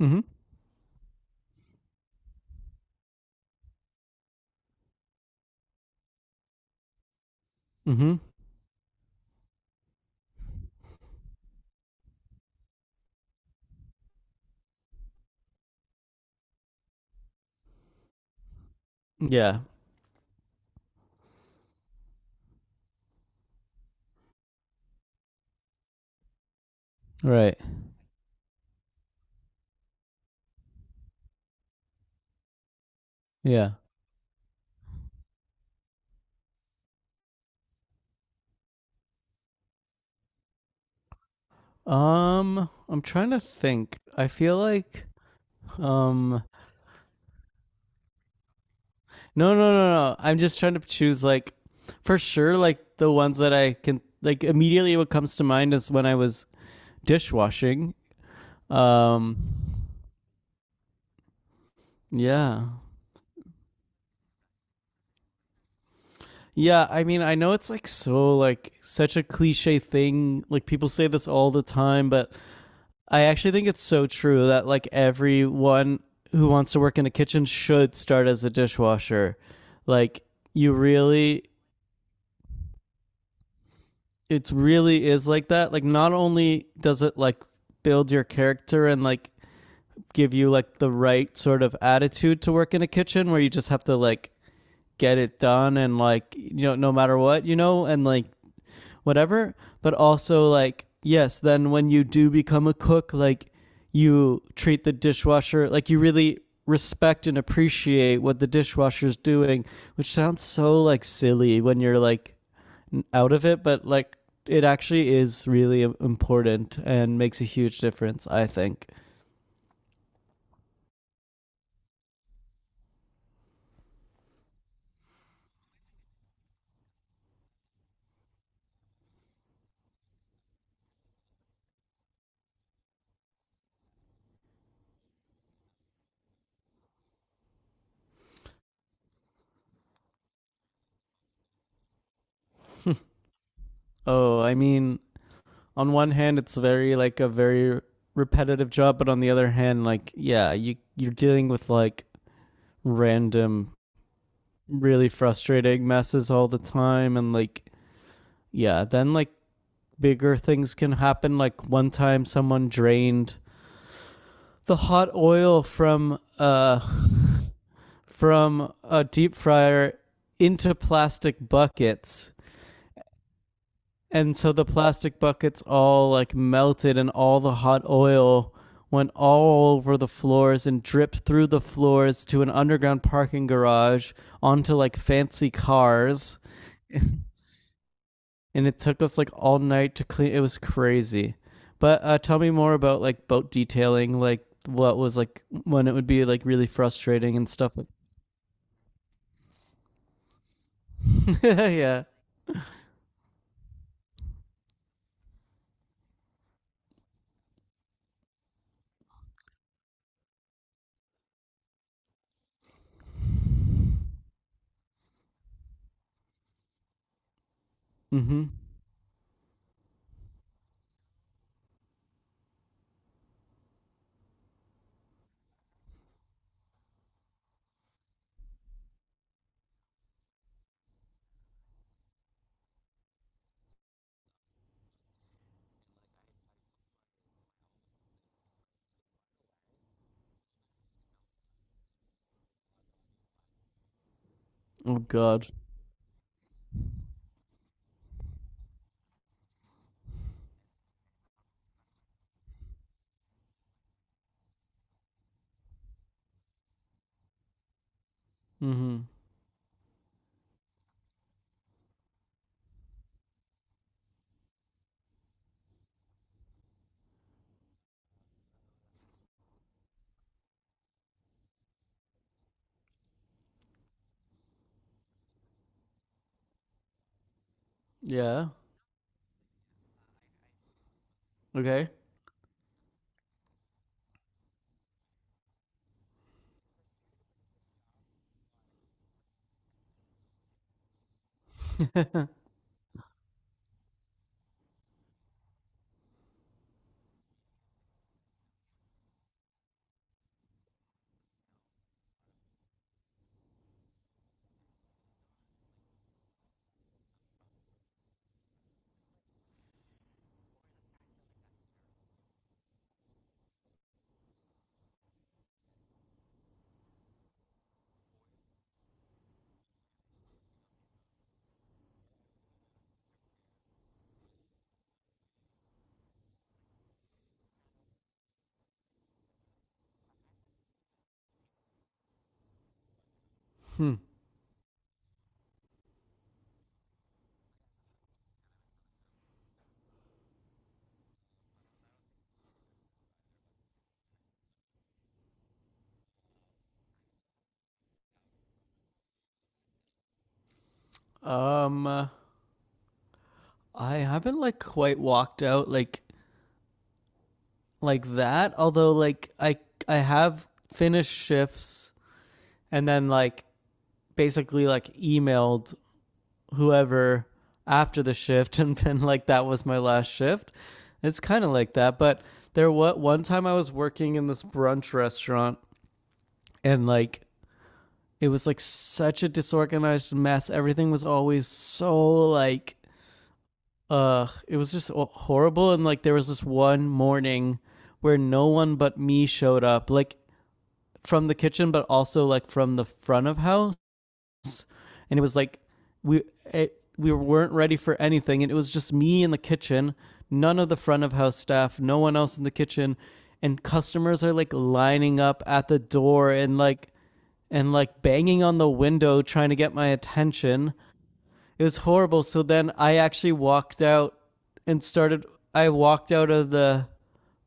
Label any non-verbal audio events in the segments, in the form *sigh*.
Mm-hmm. Mm-hmm. Yeah. Right. Yeah. I'm trying to think. I feel like um no, no, no, no. I'm just trying to choose, like, for sure like the ones that I can, like, immediately what comes to mind is when I was dishwashing. Um yeah. Yeah, I mean I know it's like so like such a cliche thing. Like people say this all the time, but I actually think it's so true that like everyone who wants to work in a kitchen should start as a dishwasher. Like you really It really is like that. Like not only does it like build your character and like give you like the right sort of attitude to work in a kitchen where you just have to like get it done and like, you know, no matter what, you know, and like whatever. But also, like, yes, then when you do become a cook, like, you treat the dishwasher, like, you really respect and appreciate what the dishwasher's doing, which sounds so, like, silly when you're, like, out of it, but, like, it actually is really important and makes a huge difference, I think. *laughs* Oh, I mean, on one hand, it's very like a very repetitive job, but on the other hand, like yeah, you're dealing with like random really frustrating messes all the time and like yeah then like bigger things can happen. Like one time someone drained the hot oil from *laughs* from a deep fryer into plastic buckets, and so the plastic buckets all like melted and all the hot oil went all over the floors and dripped through the floors to an underground parking garage onto like fancy cars, and it took us like all night to clean. It was crazy. But tell me more about like boat detailing, like what was like when it would be like really frustrating and stuff. Like, *laughs* yeah. Mm-hmm. Oh God. Mm-hmm. Yeah. Okay. *laughs* Hmm. Um, uh, I haven't like quite walked out like that. Although, like, I have finished shifts and then like basically like emailed whoever after the shift *laughs* and been like, that was my last shift. It's kind of like that. But there what one time I was working in this brunch restaurant and like it was like such a disorganized mess. Everything was always so like it was just horrible, and like there was this one morning where no one but me showed up, like from the kitchen but also like from the front of house, and it was like we we weren't ready for anything, and it was just me in the kitchen, none of the front of house staff, no one else in the kitchen, and customers are like lining up at the door and like banging on the window trying to get my attention. It was horrible. So then I actually walked out and started. I walked out of the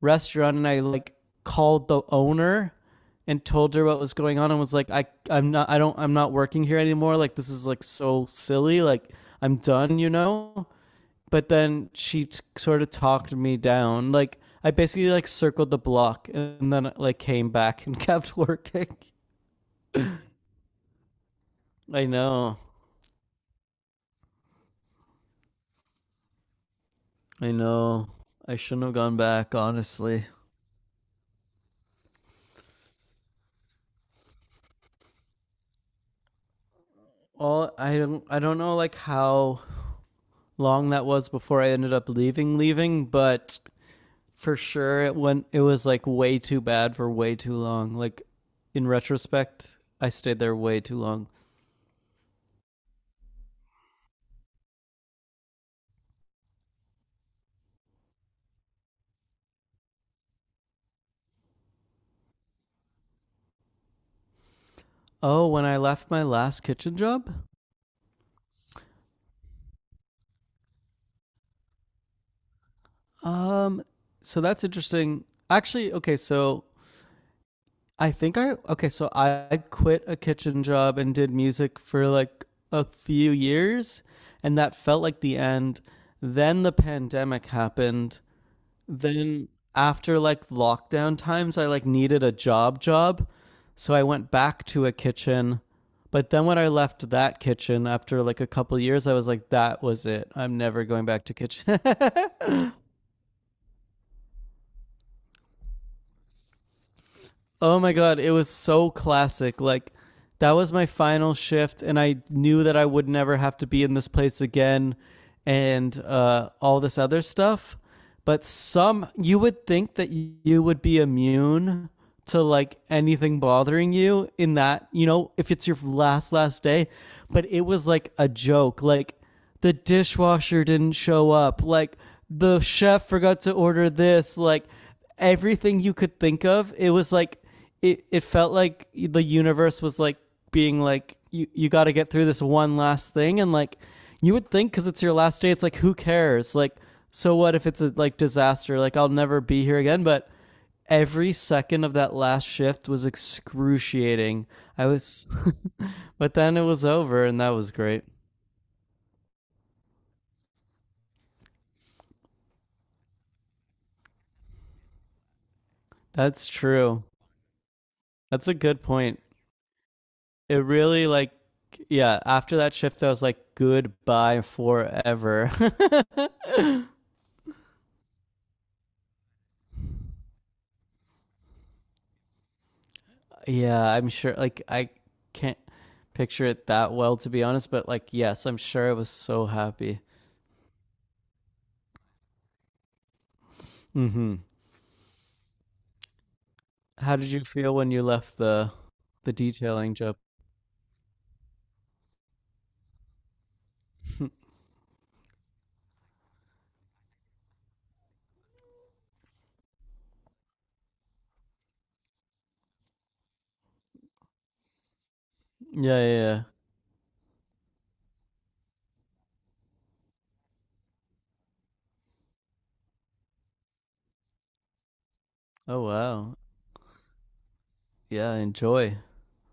restaurant and I like called the owner and told her what was going on and was like, I I'm not I don't I'm not working here anymore. Like this is like so silly. Like I'm done. You know. But then she sort of talked me down. Like I basically like circled the block and then like came back and *laughs* kept working. I know. I know. I shouldn't have gone back, honestly. Well, I don't know like how long that was before I ended up leaving, but for sure it went it was like way too bad for way too long. Like in retrospect, I stayed there way too long. Oh, when I left my last kitchen job? Um so that's interesting. Actually, okay, so I think I okay, so I quit a kitchen job and did music for like a few years, and that felt like the end. Then the pandemic happened, then after like lockdown times I like needed a job job, so I went back to a kitchen, but then when I left that kitchen after like a couple years I was like, that was it, I'm never going back to kitchen. *laughs* Oh my god, it was so classic. Like that was my final shift and I knew that I would never have to be in this place again and all this other stuff. But some you would think that you would be immune to like anything bothering you in that, you know, if it's your last last day, but it was like a joke. Like the dishwasher didn't show up. Like the chef forgot to order this. Like everything you could think of. It was like it felt like the universe was like being like you got to get through this one last thing, and like you would think cuz it's your last day it's like, who cares? Like so what if it's a like disaster? Like I'll never be here again, but every second of that last shift was excruciating. I was *laughs* but then it was over and that was great. That's true. That's a good point. It really like yeah, after that shift I was like, goodbye forever. *laughs* Yeah, I'm sure like I can't picture it that well to be honest, but like yes, I'm sure I was so happy. Mhm. How did you feel when you left the detailing job? *laughs* Yeah, yeah, yeah. Oh wow. Yeah, enjoy.